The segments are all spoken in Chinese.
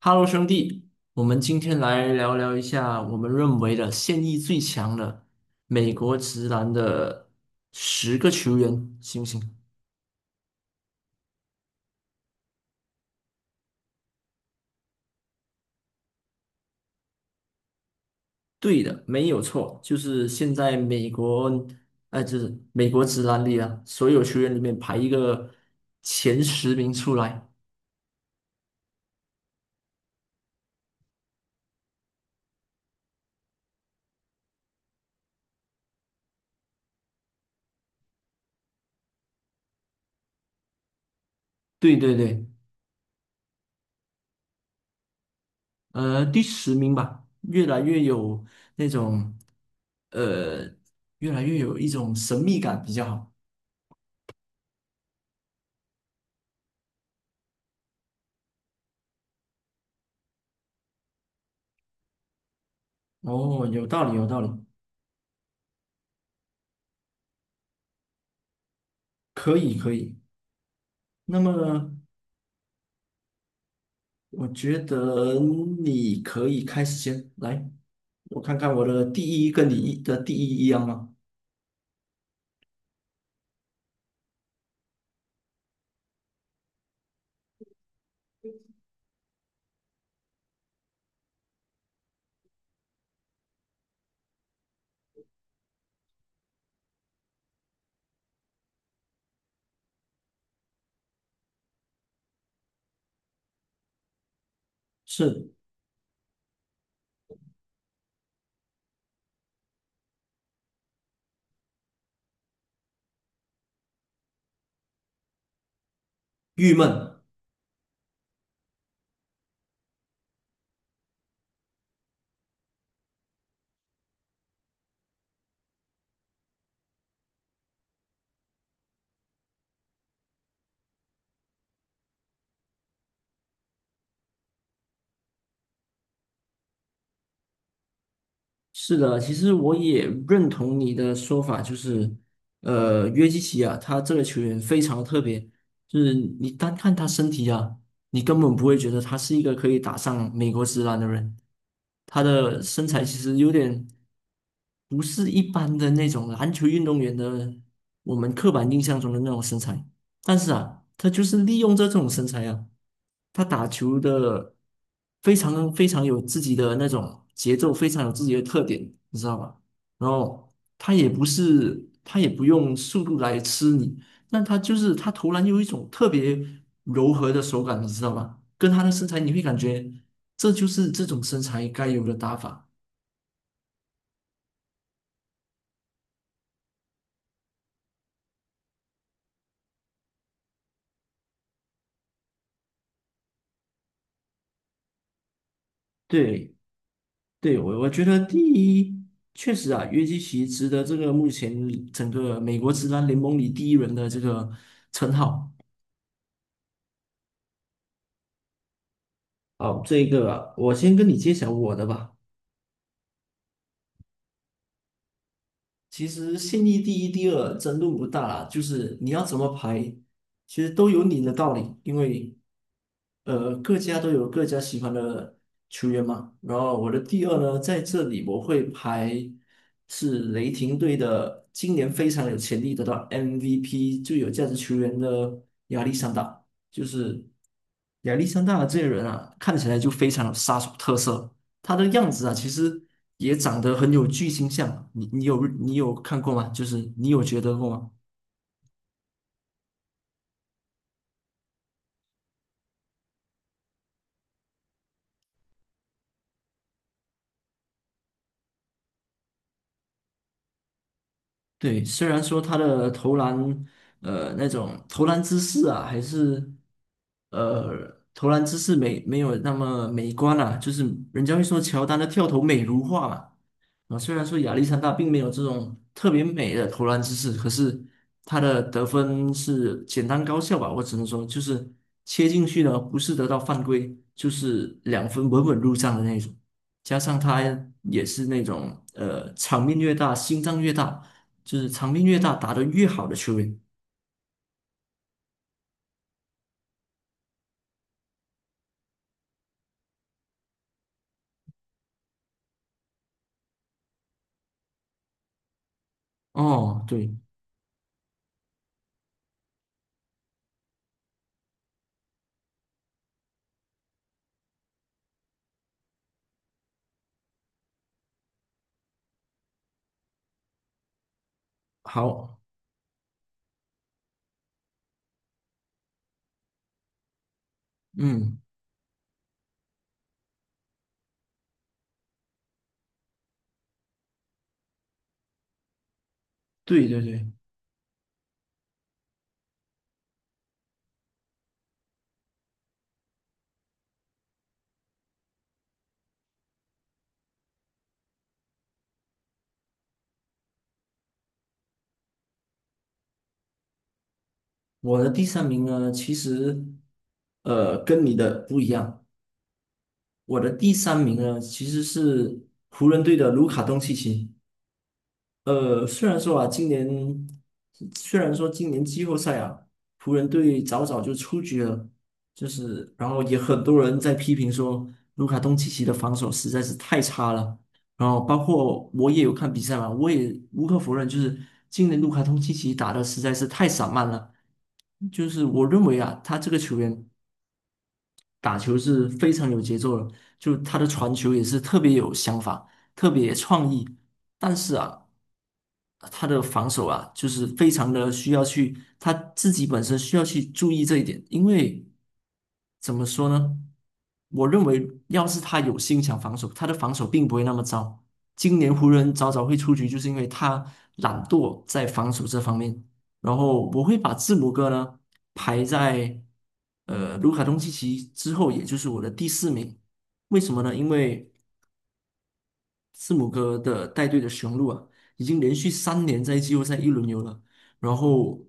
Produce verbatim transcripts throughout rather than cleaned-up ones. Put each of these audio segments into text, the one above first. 哈喽，兄弟，我们今天来聊聊一下我们认为的现役最强的美国直男的十个球员，行不行？对的，没有错，就是现在美国，呃，就是美国直男里啊，所有球员里面排一个前十名出来。对对对，呃，第十名吧，越来越有那种，呃，越来越有一种神秘感比较好。哦，有道理，有道理。可以，可以。那么，我觉得你可以开始先来，我看看我的第一跟你的第一一样吗？是郁闷。是的，其实我也认同你的说法，就是，呃，约基奇啊，他这个球员非常特别，就是你单看他身体啊，你根本不会觉得他是一个可以打上美国职篮的人。他的身材其实有点不是一般的那种篮球运动员的我们刻板印象中的那种身材，但是啊，他就是利用这种身材啊，他打球的非常非常有自己的那种节奏，非常有自己的特点，你知道吧？然后他也不是，他也不用速度来吃你，但他就是他投篮有一种特别柔和的手感，你知道吧？跟他的身材，你会感觉这就是这种身材该有的打法。对。对，我我觉得第一，确实啊，约基奇值得这个目前整个美国职篮联盟里第一人的这个称号。好，这个啊我先跟你揭晓我的吧。其实现役第一、第二争论不大啦，就是你要怎么排，其实都有你的道理，因为呃各家都有各家喜欢的球员嘛。然后我的第二呢，在这里我会排是雷霆队的，今年非常有潜力得到 M V P 最有价值球员的亚历山大，就是亚历山大这个人啊，看起来就非常有杀手特色。他的样子啊，其实也长得很有巨星相。你你有你有看过吗？就是你有觉得过吗？对，虽然说他的投篮，呃，那种投篮姿势啊，还是呃投篮姿势没没有那么美观啊，就是人家会说乔丹的跳投美如画嘛。啊，虽然说亚历山大并没有这种特别美的投篮姿势，可是他的得分是简单高效吧，我只能说就是切进去呢，不是得到犯规，就是两分稳稳入账的那种。加上他也是那种呃场面越大，心脏越大，就是场面越大，打得越好的球员。哦，对，好，嗯，对对对，我的第三名呢，其实呃跟你的不一样。我的第三名呢，其实是湖人队的卢卡东契奇。呃，虽然说啊，今年虽然说今年季后赛啊，湖人队早早就出局了，就是然后也很多人在批评说卢卡东契奇的防守实在是太差了。然后包括我也有看比赛嘛，我也无可否认，就是今年卢卡东契奇打的实在是太散漫了。就是我认为啊，他这个球员。打球是非常有节奏的，就他的传球也是特别有想法，特别创意。但是啊，他的防守啊，就是非常的需要去，他自己本身需要去注意这一点，因为怎么说呢？我认为要是他有心想防守，他的防守并不会那么糟。今年湖人早早会出局，就是因为他懒惰在防守这方面。然后我会把字母哥呢排在呃卢卡东契奇之后，也就是我的第四名。为什么呢？因为字母哥的带队的雄鹿啊，已经连续三年在季后赛一轮游了，然后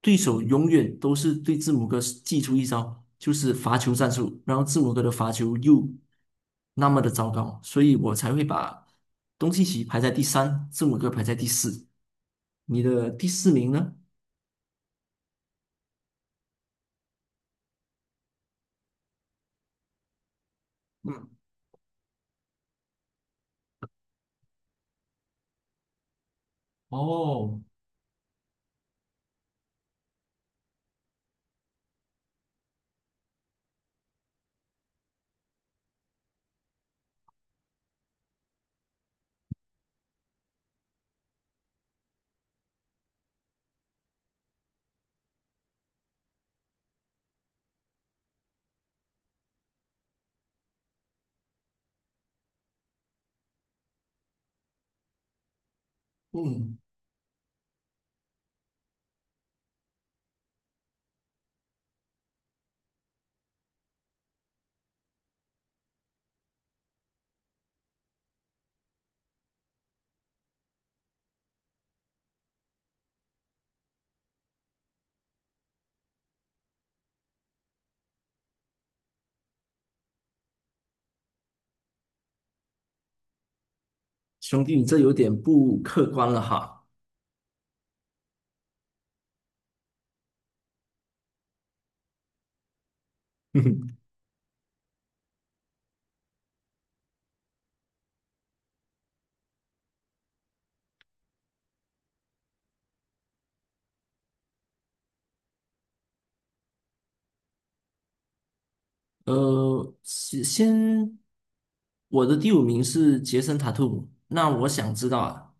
对手永远都是对字母哥祭出一招，就是罚球战术，然后字母哥的罚球又那么的糟糕，所以我才会把东契奇排在第三，字母哥排在第四。你的第四名呢？嗯哦，嗯，兄弟，你这有点不客观了哈。呃，先先，我的第五名是杰森·塔图姆。那我想知道啊，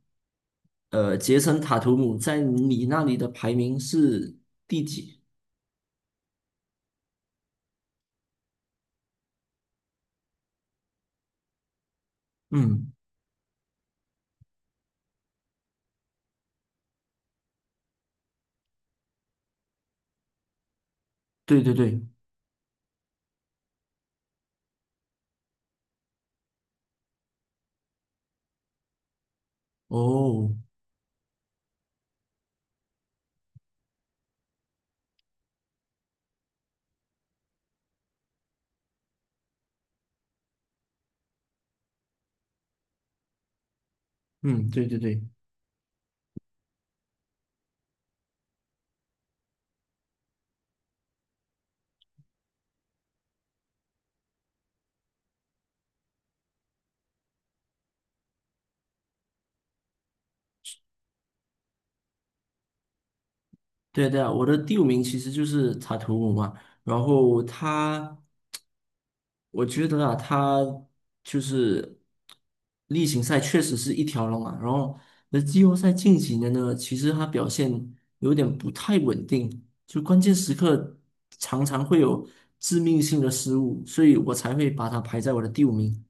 呃，杰森·塔图姆在你那里的排名是第几？嗯，对对对，哦，嗯，对对对，对啊对啊，我的第五名其实就是塔图姆嘛。然后他我觉得啊，他就是例行赛确实是一条龙啊，然后那季后赛近几年呢，其实他表现有点不太稳定，就关键时刻常常会有致命性的失误，所以我才会把他排在我的第五名。